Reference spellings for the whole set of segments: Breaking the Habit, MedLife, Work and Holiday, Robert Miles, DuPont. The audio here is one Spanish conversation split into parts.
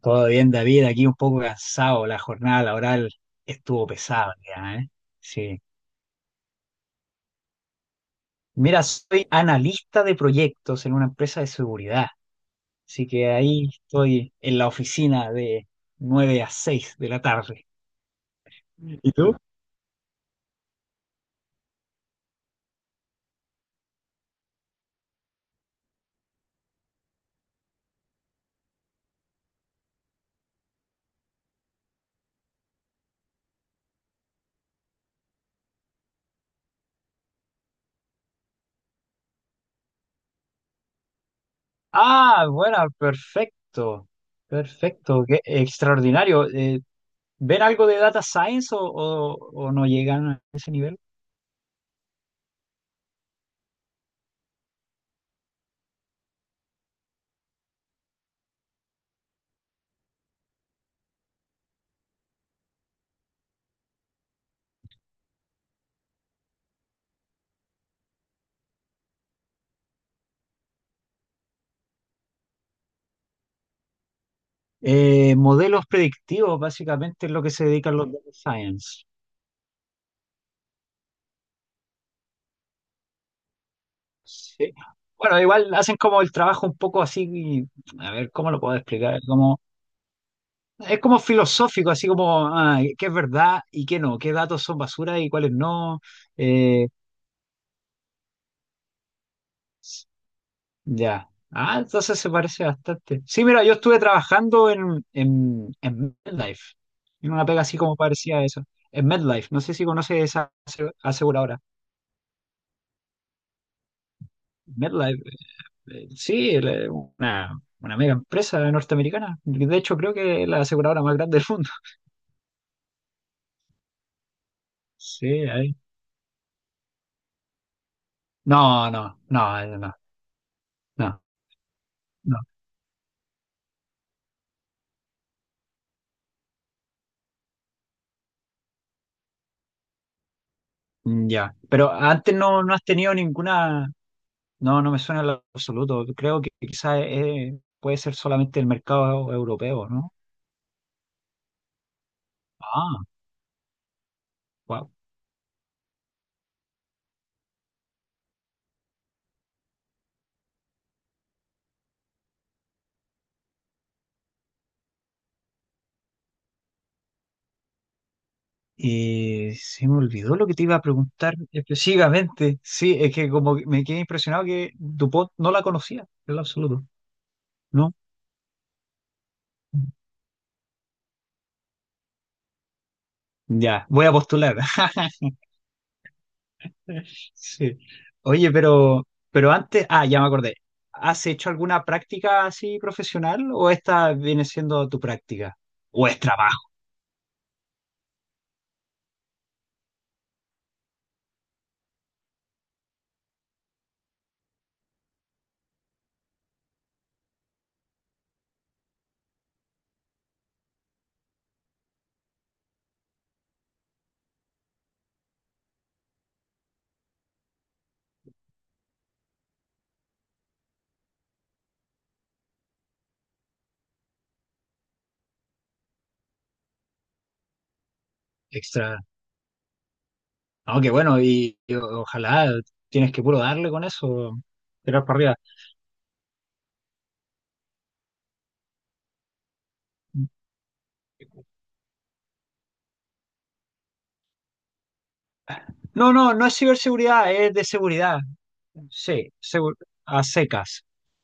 Todo bien, David, aquí un poco cansado, la jornada laboral estuvo pesada ya, ¿eh? Sí. Mira, soy analista de proyectos en una empresa de seguridad, así que ahí estoy en la oficina de 9 a 6 de la tarde. ¿Y tú? Ah, bueno, perfecto, perfecto, qué extraordinario. ¿Ven algo de data science o no llegan a ese nivel? Modelos predictivos, básicamente es lo que se dedican los data science. Sí. Bueno, igual hacen como el trabajo un poco así, a ver, ¿cómo lo puedo explicar? Como, es como filosófico, así como, ah, ¿qué es verdad y qué no? ¿Qué datos son basura y cuáles no? Eh, ya. Ah, entonces se parece bastante. Sí, mira, yo estuve trabajando en MedLife, en una pega así como parecía a eso. En MedLife, no sé si conoces esa aseguradora. MedLife. Sí, una mega empresa norteamericana. De hecho, creo que es la aseguradora más grande del mundo. Sí, ahí. No, no, no, no, no, no. Mm, ya. Pero antes no, no has tenido ninguna. No, no me suena en lo absoluto. Creo que quizás puede ser solamente el mercado europeo, ¿no? Ah, wow. Y se me olvidó lo que te iba a preguntar específicamente. Sí, es que como que me quedé impresionado que DuPont no la conocía, en lo absoluto, ¿no? Ya, voy a postular. Sí. Oye, pero antes, ya me acordé. ¿Has hecho alguna práctica así profesional o esta viene siendo tu práctica? ¿O es trabajo extra? No, qué bueno, y ojalá tienes que puro darle con eso, tirar para arriba. No, no, no es ciberseguridad, es de seguridad. Sí, a secas.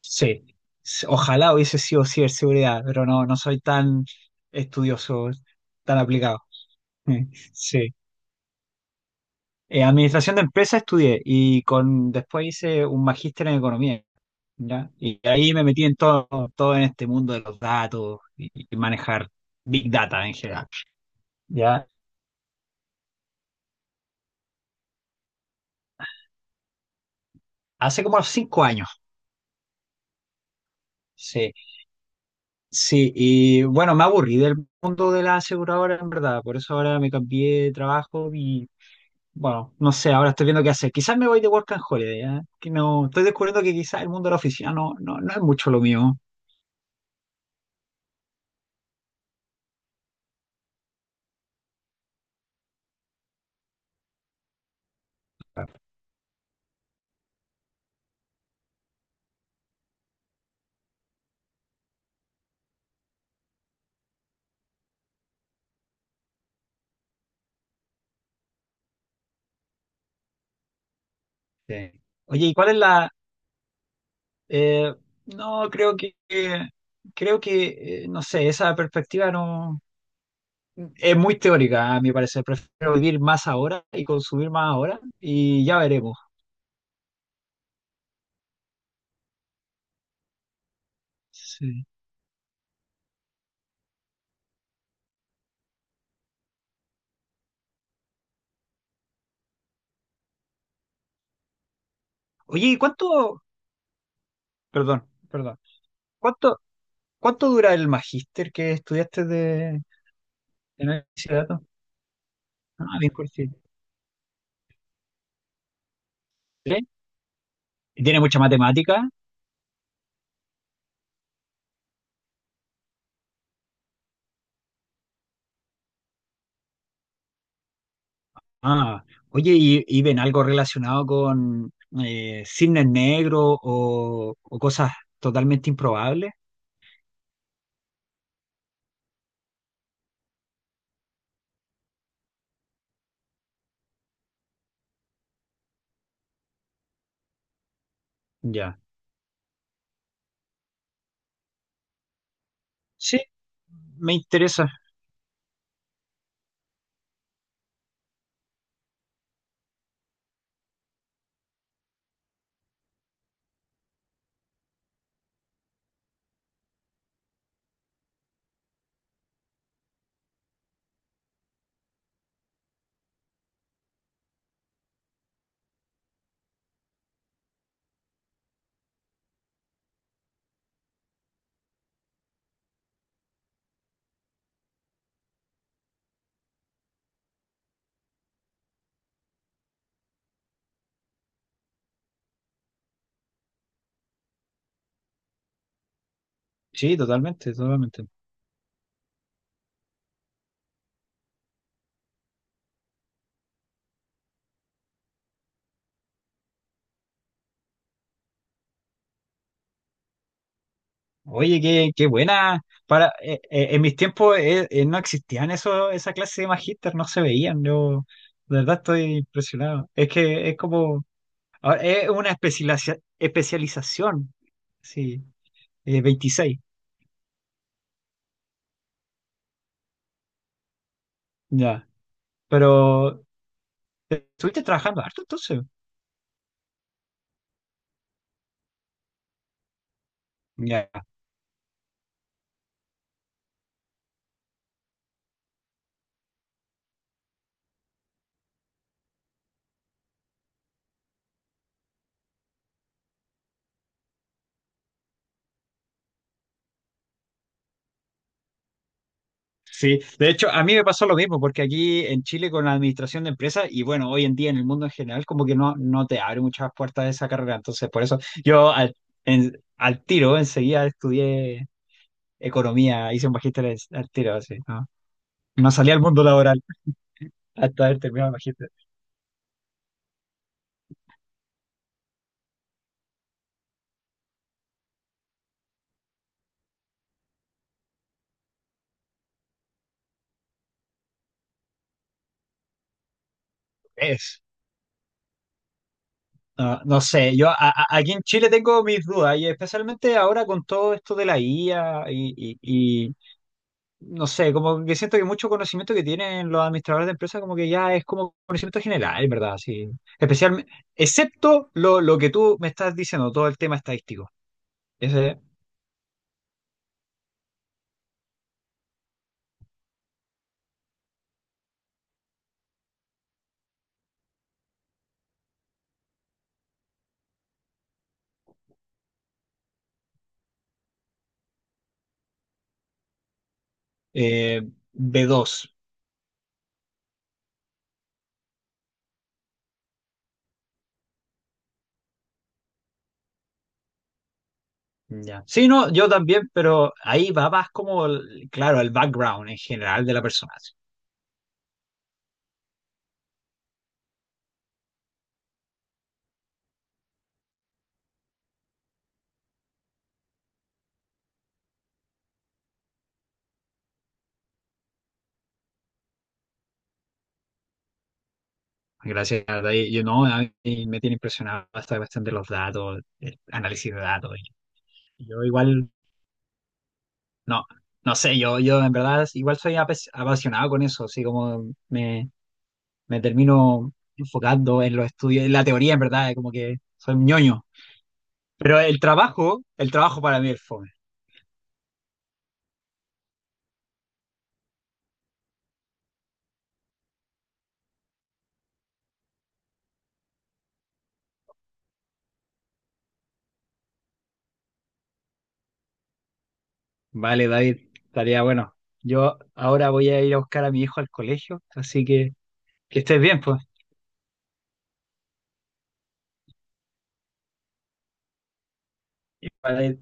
Sí. Ojalá hubiese sido ciberseguridad, pero no, no soy tan estudioso, tan aplicado. Sí. Administración de empresas estudié y con después hice un magíster en economía, ¿ya? Y ahí me metí en todo, todo en este mundo de los datos y manejar big data en general, ¿ya? Hace como 5 años, sí. Sí, y bueno, me aburrí del mundo de la aseguradora, en verdad, por eso ahora me cambié de trabajo y bueno, no sé, ahora estoy viendo qué hacer. Quizás me voy de Work and Holiday, ¿ya? Que no, estoy descubriendo que quizás el mundo de la oficina no, no, no es mucho lo mío. Sí. Oye, ¿y cuál es la? Eh, no, no sé, esa perspectiva no es muy teórica, a mi parecer. Prefiero vivir más ahora y consumir más ahora y ya veremos. Sí. Oye, ¿y cuánto, perdón, perdón, cuánto, cuánto dura el magíster que estudiaste de análisis de datos? Ah, bien cortito. ¿Sí? ¿Y tiene mucha matemática? Ah, oye, y ven algo relacionado con cisnes negros o cosas totalmente improbables. Ya. Sí, me interesa. Sí, totalmente, totalmente. Oye, qué, qué buena. En mis tiempos no existían eso, esa clase de magíster, no se veían. Yo, de verdad, estoy impresionado. Es que es como, ahora, es una especialización. Sí, 26. Ya. Pero estuviste trabajando harto entonces. Ya, sí. De hecho, a mí me pasó lo mismo, porque aquí en Chile con la administración de empresas, y bueno, hoy en día en el mundo en general, como que no, no te abre muchas puertas esa carrera. Entonces, por eso yo al, al tiro enseguida estudié economía, hice un magíster al tiro, así, ¿no? No salí al mundo laboral hasta haber terminado el magíster. Es. No, no sé, aquí en Chile tengo mis dudas, y especialmente ahora con todo esto de la IA y no sé, como que siento que mucho conocimiento que tienen los administradores de empresas como que ya es como conocimiento general, en verdad, sí. Especialmente, excepto lo que tú me estás diciendo, todo el tema estadístico. Ese eh, B2. Ya. Sí, no, yo también, pero ahí va más como, claro, el background en general de la persona. Sí. Gracias, de ahí, yo no, a mí me tiene impresionado esta cuestión de los datos, el análisis de datos. Y yo igual. No, no sé, yo en verdad igual soy apasionado con eso, así como me termino enfocando en los estudios, en la teoría en verdad, como que soy un ñoño. Pero el trabajo para mí es fome. Vale, David, estaría bueno. Yo ahora voy a ir a buscar a mi hijo al colegio, así que estés bien, pues. Y para